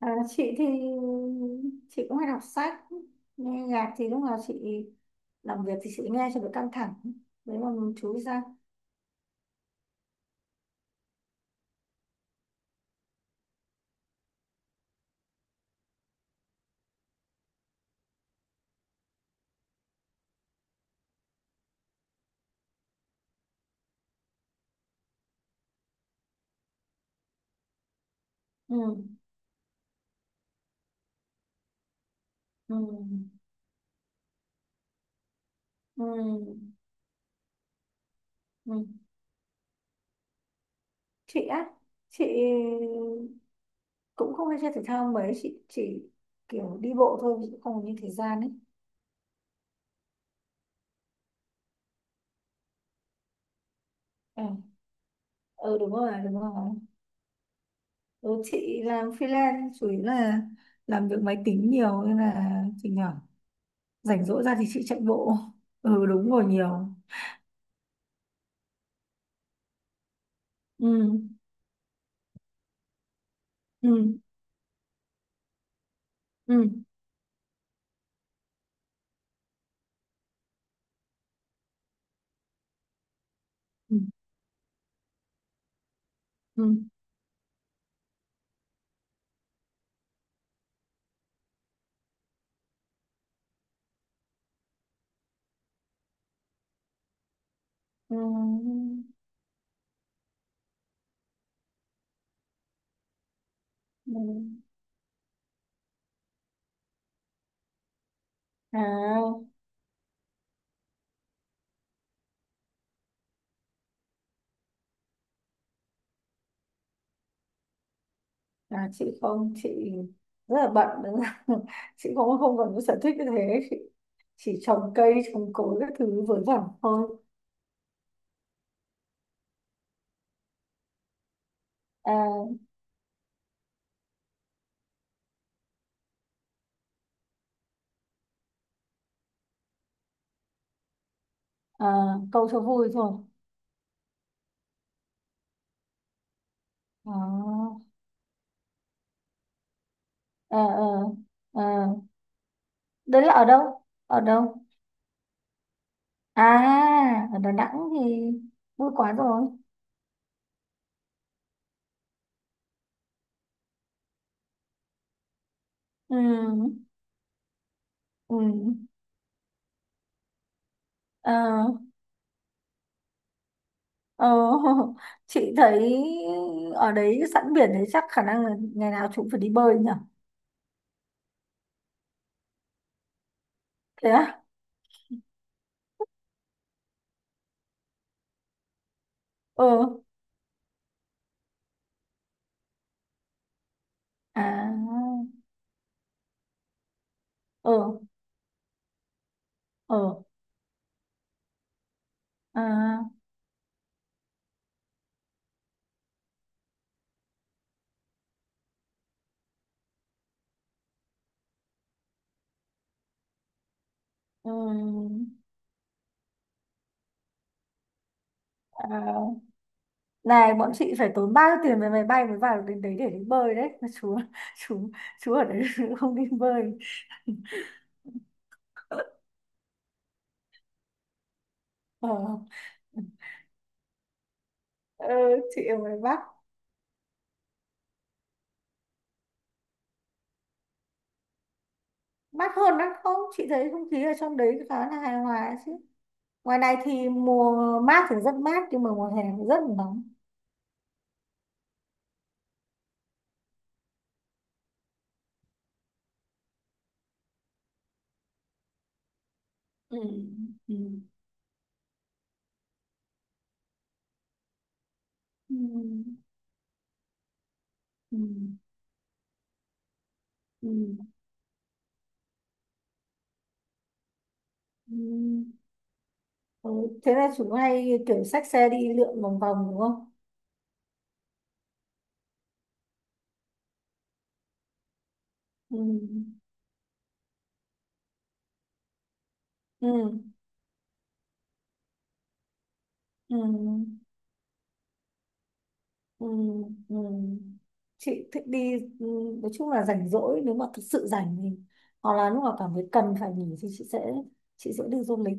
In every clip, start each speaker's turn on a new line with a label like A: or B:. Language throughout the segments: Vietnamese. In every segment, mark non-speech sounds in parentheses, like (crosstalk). A: À, chị thì chị cũng hay đọc sách, nghe nhạc thì lúc nào chị làm việc thì chị nghe cho đỡ căng thẳng đấy mà mình chú ý ra. Ừ, ừ, ừ, ừ. Chị á chị cũng không hay chơi thể thao mấy, chị chỉ kiểu đi bộ thôi, chị cũng không có nhiều thời gian ấy. Ừ. Ừ, đúng rồi, đúng rồi. Ừ, chị làm freelance chủ yếu là làm việc máy tính nhiều nên là chị nhỏ rảnh rỗi ra thì chị chạy bộ. Ừ, đúng rồi, nhiều. Ừ, ừ, ừ, ừ, ừ, ừ, ừ. À, à, chị không, chị rất là bận đúng không? (laughs) Chị không không còn có sở thích như thế, chị chỉ trồng cây trồng cối các thứ vớ vẩn thôi. À, à, câu cho vui thôi. À, à, à, à. Đấy là ở đâu, ở đâu? À, ở Đà Nẵng thì vui quá rồi. Ừ, ừ, ờ. Ờ, (laughs) chị thấy ở đấy sẵn biển đấy, chắc khả năng là ngày nào chị cũng phải đi bơi nhỉ? Thế á? Ờ, à, ờ, ờ, à, ừm, à. Này, bọn chị phải tốn bao nhiêu tiền về máy bay mới vào đến đấy để đi bơi đấy mà chú. (laughs) chú chú ở đấy (laughs) không đi bơi. Ờ ờ, chị ở ngoài Bắc. Mát hơn lắm không, chị thấy không khí ở trong đấy khá là hài hòa chứ, ngoài này thì mùa mát thì rất mát nhưng mà mùa hè thì rất là nóng. Ừ, ừ, ừ, ừ, ừ, ừ. Ừ, thế là chúng hay kiểu xách xe đi lượn vòng vòng đúng không? Ừ, ừ, ừ, ừ, ừ, chị thích đi. Ừ, nói chung là rảnh rỗi nếu mà thực sự rảnh thì hoặc là lúc nào cảm thấy cần phải nghỉ thì chị sẽ đi du lịch.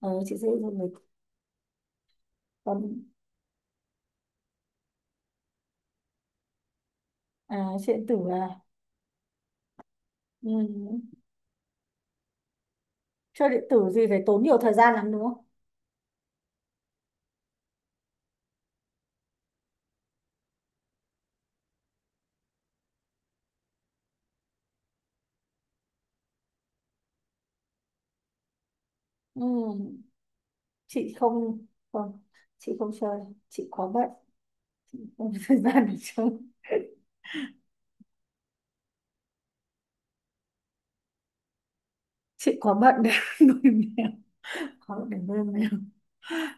A: Ờ, chị sẽ đi du lịch còn à, chuyện điện tử à? Ừ. Chơi điện tử gì phải tốn nhiều thời gian lắm đúng không? Ừ, chị không không chị không chơi. Chị quá bận, không có thời gian để chơi. Chị quá bận để (laughs) nuôi mèo, quá bận để nuôi mèo.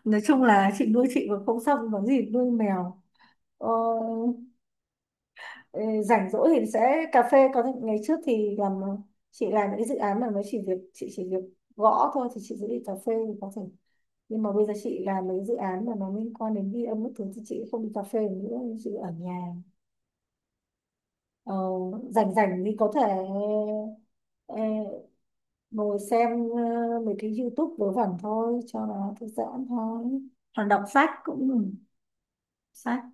A: Nói chung là chị nuôi chị còn không xong, có gì nuôi mèo. Ờ, ê, rảnh rỗi thì sẽ cà phê, có những ngày trước thì làm, chị làm những cái dự án mà mới chỉ việc, chị chỉ việc gõ thôi thì chị sẽ đi cà phê thì có thể, nhưng mà bây giờ chị làm mấy dự án mà nó liên quan đến ghi âm các thứ thì chị không đi cà phê nữa, chị ở nhà. Ờ, rảnh rảnh thì có thể ờ, ngồi xem mấy cái YouTube vớ vẩn thôi cho nó thư giãn thôi, còn đọc sách cũng, ừ, sách.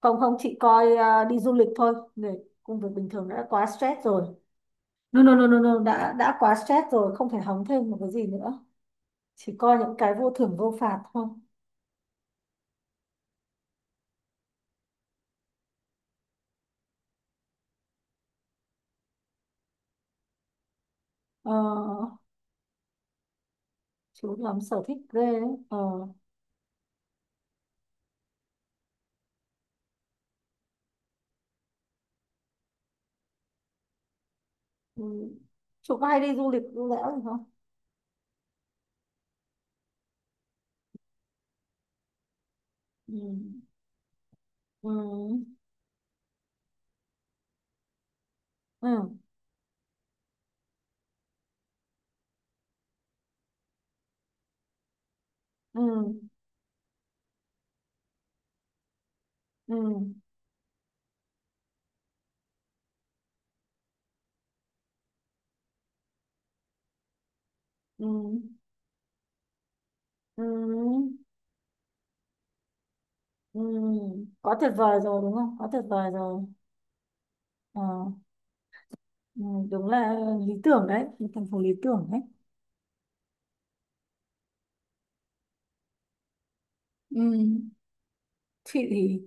A: Không, không, chị coi đi du lịch thôi. Người, công việc bình thường đã quá stress rồi. No, no, no, no, no. Đã quá stress rồi, không thể hóng thêm một cái gì nữa, chỉ coi những cái vô thưởng vô phạt thôi. Ờ, chú lắm sở thích ghê đấy. Ờ, ừ. Chú có hay đi du lịch du lẽo gì không? Ừ. Ừ. Ừ. Ừ. Ừ, ừ, ừ, ừ, quá tuyệt vời rồi đúng không, quá tuyệt vời rồi. Ờ, ừ, đúng là lý tưởng đấy, một thành phố lý tưởng đấy. Ừ, chị thì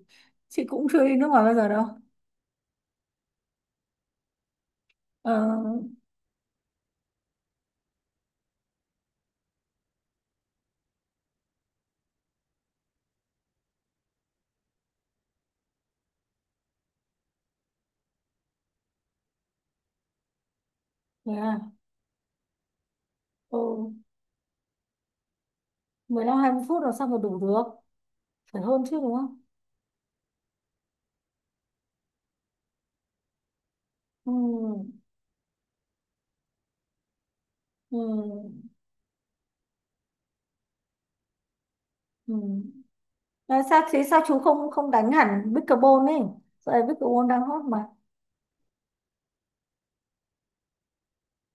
A: chị cũng chưa đi nước ngoài bao giờ đâu. Ờ, thế à? Ừ, 15-20 phút là sao mà đủ được, phải hơn chứ đúng không? Ừ, ừ, ừ. À, sao thế, sao chú không không đánh hẳn pickleball ấy, giờ pickleball đang hot mà.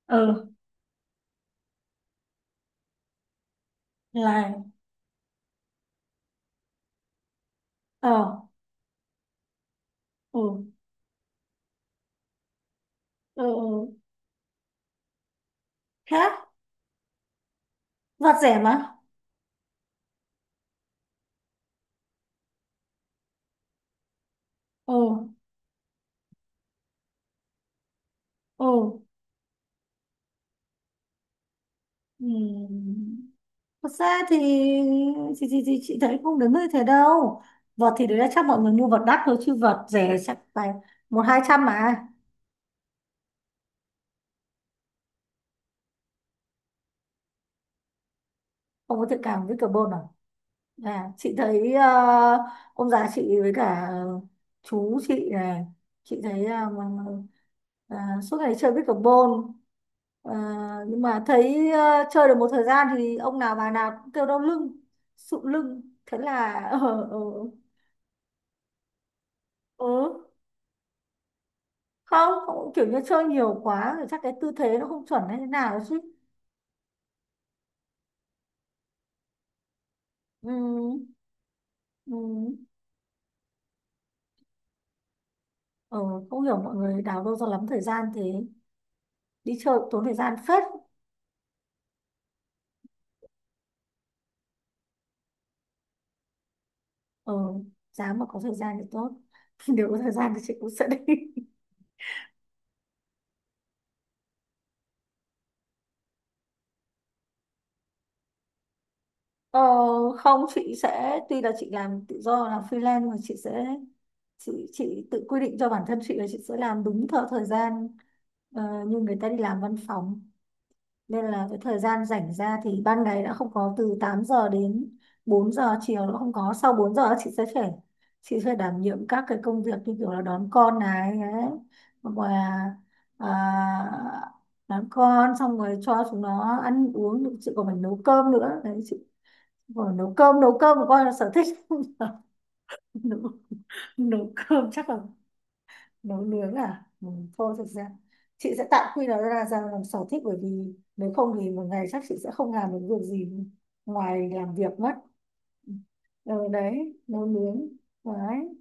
A: Ừ, là, ờ, ừ, ừ, ừ. Thế á? Vặt rẻ mà. Ồ, ồ. Ừm. Thật ra thì chị thấy không đến nơi thế đâu. Vật thì đấy là chắc mọi người mua vật đắt thôi chứ vật rẻ chắc phải một hai trăm mà. Không có thiện cảm với carbon à? À, chị thấy ông già chị với cả chú chị này, chị thấy suốt ngày chơi với carbon. Ờ, nhưng mà thấy chơi được một thời gian thì ông nào bà nào cũng kêu đau lưng, sụn lưng, thế là ờ ờ không, không kiểu như chơi nhiều quá rồi chắc cái tư thế nó không chuẩn hay thế nào chứ. Ừ, ừ, ờ, không hiểu mọi người đào đâu ra lắm thời gian thế, đi chơi cũng tốn thời gian phết. Ờ, dám mà có thời gian thì tốt. (laughs) Nếu có thời gian thì chị cũng sẽ đi. Ờ, không chị sẽ, tuy là chị làm tự do làm freelance nhưng mà chị sẽ chị tự quy định cho bản thân chị là chị sẽ làm đúng theo thời gian, ờ, như người ta đi làm văn phòng, nên là cái thời gian rảnh ra thì ban ngày đã không có, từ 8 giờ đến 4 giờ chiều nó không có, sau 4 giờ chị sẽ đảm nhiệm các cái công việc như kiểu là đón con này ấy, hoặc là à, đón con xong rồi cho chúng nó ăn uống, chị còn phải nấu cơm nữa đấy chị. Vừa nấu cơm, nấu cơm của con là sở thích không? (laughs) nấu, nấu cơm chắc là nấu nướng à. Ừ, thôi thực ra chị sẽ tạm quy nó ra ra làm sở thích bởi vì nếu không thì một ngày chắc chị sẽ không làm được việc gì ngoài làm việc mất. Ừ, đấy nấu nướng đấy.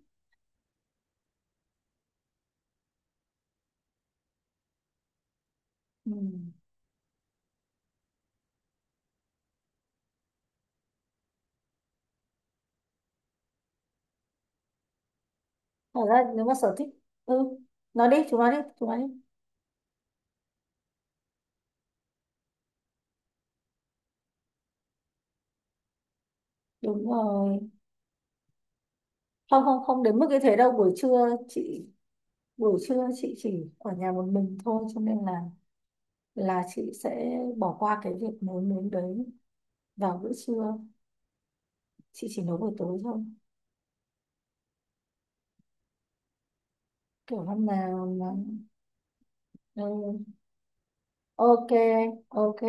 A: Ừ. Thật ra nếu mà sở thích, ừ, nói đi chúng nó đi, chúng nó đi. Đúng rồi, không, không, không đến mức như thế đâu, buổi trưa chị chỉ ở nhà một mình thôi cho nên là chị sẽ bỏ qua cái việc nấu nướng đấy vào bữa trưa, chị chỉ nấu buổi tối thôi kiểu hôm nào mà. Ừ. Ok, ok.